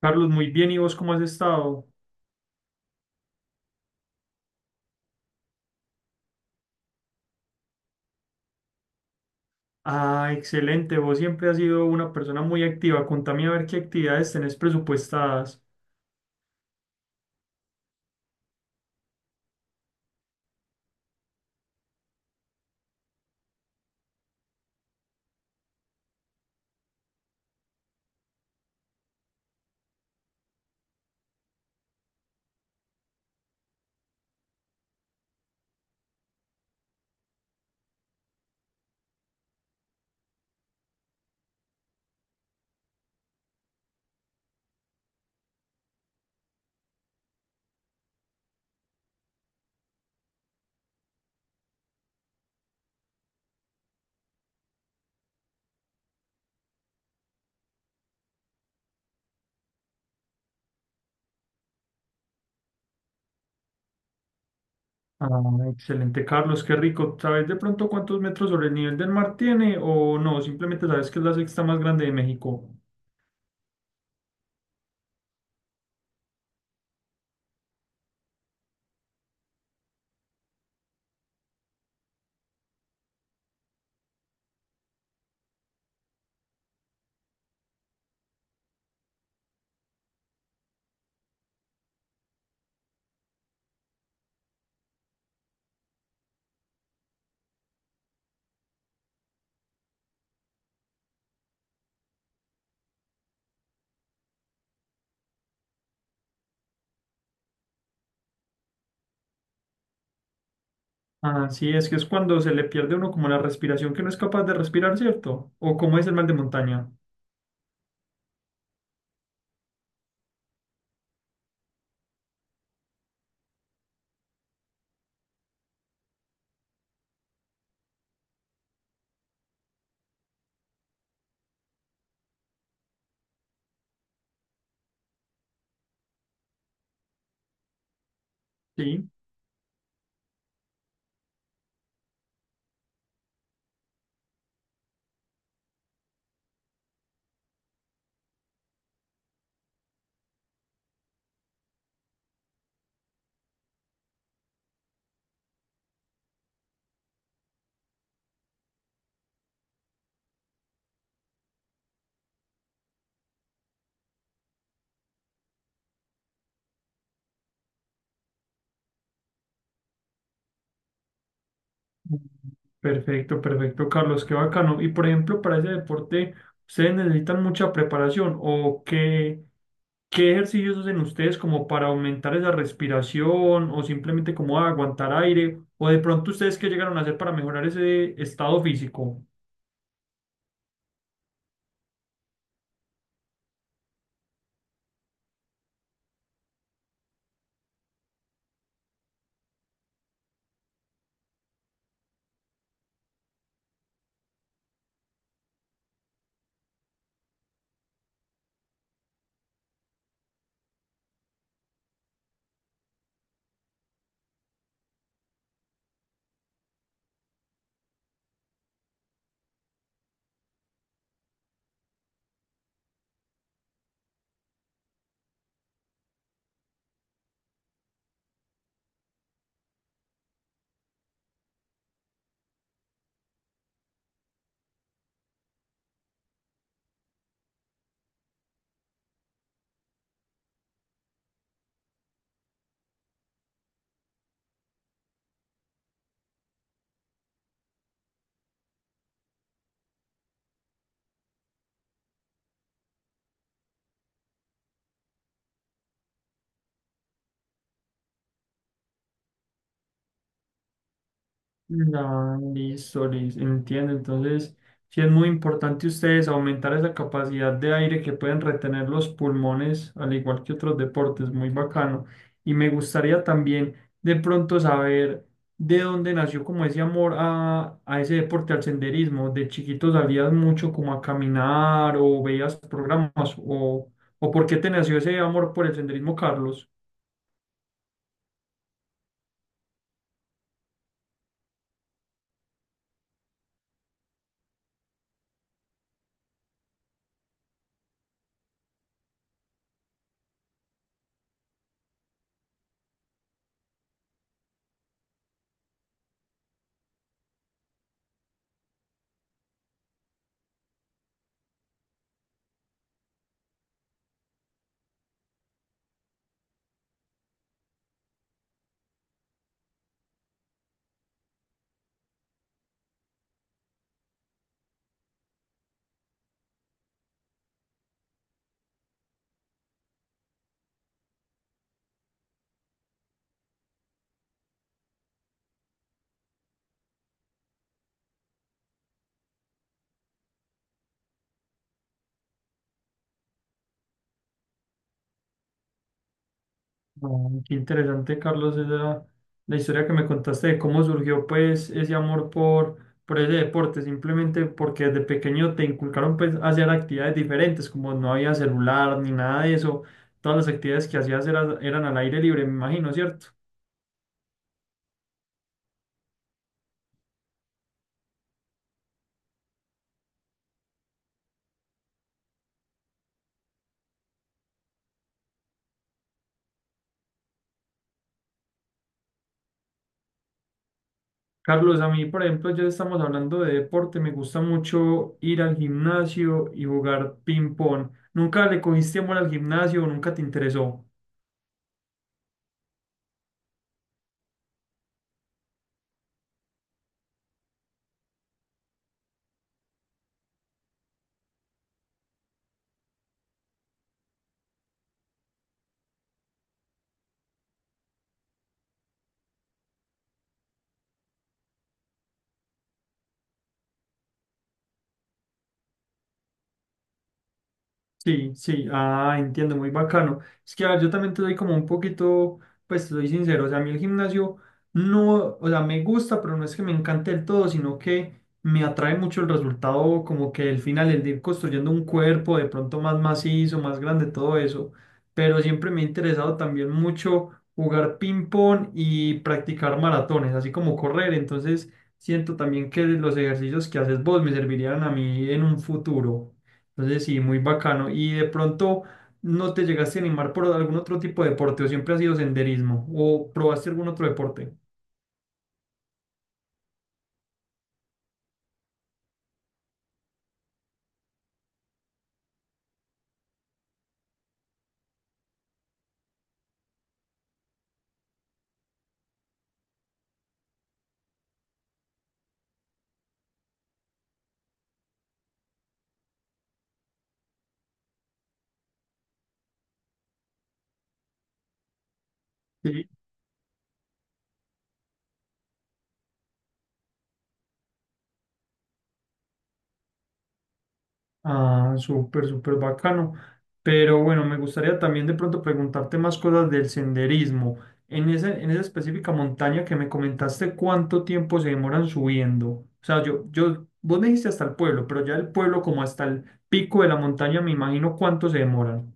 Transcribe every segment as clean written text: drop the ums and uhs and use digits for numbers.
Carlos, muy bien. ¿Y vos cómo has estado? Ah, excelente. Vos siempre has sido una persona muy activa. Contame a ver qué actividades tenés presupuestadas. Ah, excelente, Carlos, qué rico. ¿Sabes de pronto cuántos metros sobre el nivel del mar tiene o no? Simplemente sabes que es la sexta más grande de México. Ah, sí, es que es cuando se le pierde a uno como la respiración que no es capaz de respirar, ¿cierto? ¿O cómo es el mal de montaña? Sí. Perfecto, perfecto, Carlos, qué bacano. Y por ejemplo, para ese deporte, ¿ustedes necesitan mucha preparación o qué? ¿Qué ejercicios hacen ustedes como para aumentar esa respiración o simplemente como aguantar aire? ¿O de pronto ustedes qué llegaron a hacer para mejorar ese estado físico? No, listo, listo, entiendo. Entonces, sí es muy importante ustedes aumentar esa capacidad de aire que pueden retener los pulmones, al igual que otros deportes, muy bacano. Y me gustaría también de pronto saber de dónde nació como ese amor a ese deporte, al senderismo. ¿De chiquito salías mucho como a caminar o veías programas o, o por qué te nació ese amor por el senderismo, Carlos? Oh, qué interesante, Carlos, la historia que me contaste de cómo surgió pues ese amor por ese deporte, simplemente porque desde pequeño te inculcaron pues a hacer actividades diferentes, como no había celular ni nada de eso, todas las actividades que hacías eran al aire libre, me imagino, ¿cierto? Carlos, a mí, por ejemplo, ya estamos hablando de deporte, me gusta mucho ir al gimnasio y jugar ping pong. ¿Nunca le cogiste amor al gimnasio o nunca te interesó? Sí, sí, ah, entiendo, muy bacano. Es que a ver, yo también te doy como un poquito, pues te doy sincero, o sea, a mí el gimnasio no, o sea, me gusta, pero no es que me encante del todo, sino que me atrae mucho el resultado, como que el final, el de ir construyendo un cuerpo de pronto más macizo, más grande, todo eso. Pero siempre me ha interesado también mucho jugar ping-pong y practicar maratones, así como correr. Entonces, siento también que los ejercicios que haces vos me servirían a mí en un futuro. Entonces sí, muy bacano. ¿Y de pronto no te llegaste a animar por algún otro tipo de deporte o siempre ha sido senderismo o probaste algún otro deporte? Sí. Ah, súper, súper bacano. Pero bueno, me gustaría también de pronto preguntarte más cosas del senderismo. En esa específica montaña que me comentaste, ¿cuánto tiempo se demoran subiendo? O sea, vos me dijiste hasta el pueblo, pero ya el pueblo como hasta el pico de la montaña, me imagino cuánto se demoran.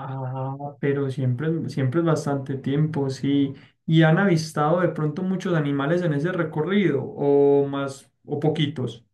Ah, pero siempre, siempre es bastante tiempo, sí. ¿Y han avistado de pronto muchos animales en ese recorrido o más o poquitos?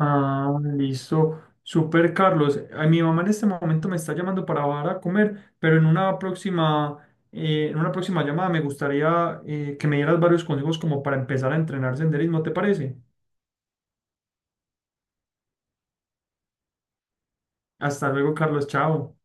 Ah, listo. Super Carlos. Ay, mi mamá en este momento me está llamando para bajar a comer, pero en una próxima llamada me gustaría que me dieras varios consejos como para empezar a entrenar senderismo, ¿te parece? Hasta luego, Carlos. Chao.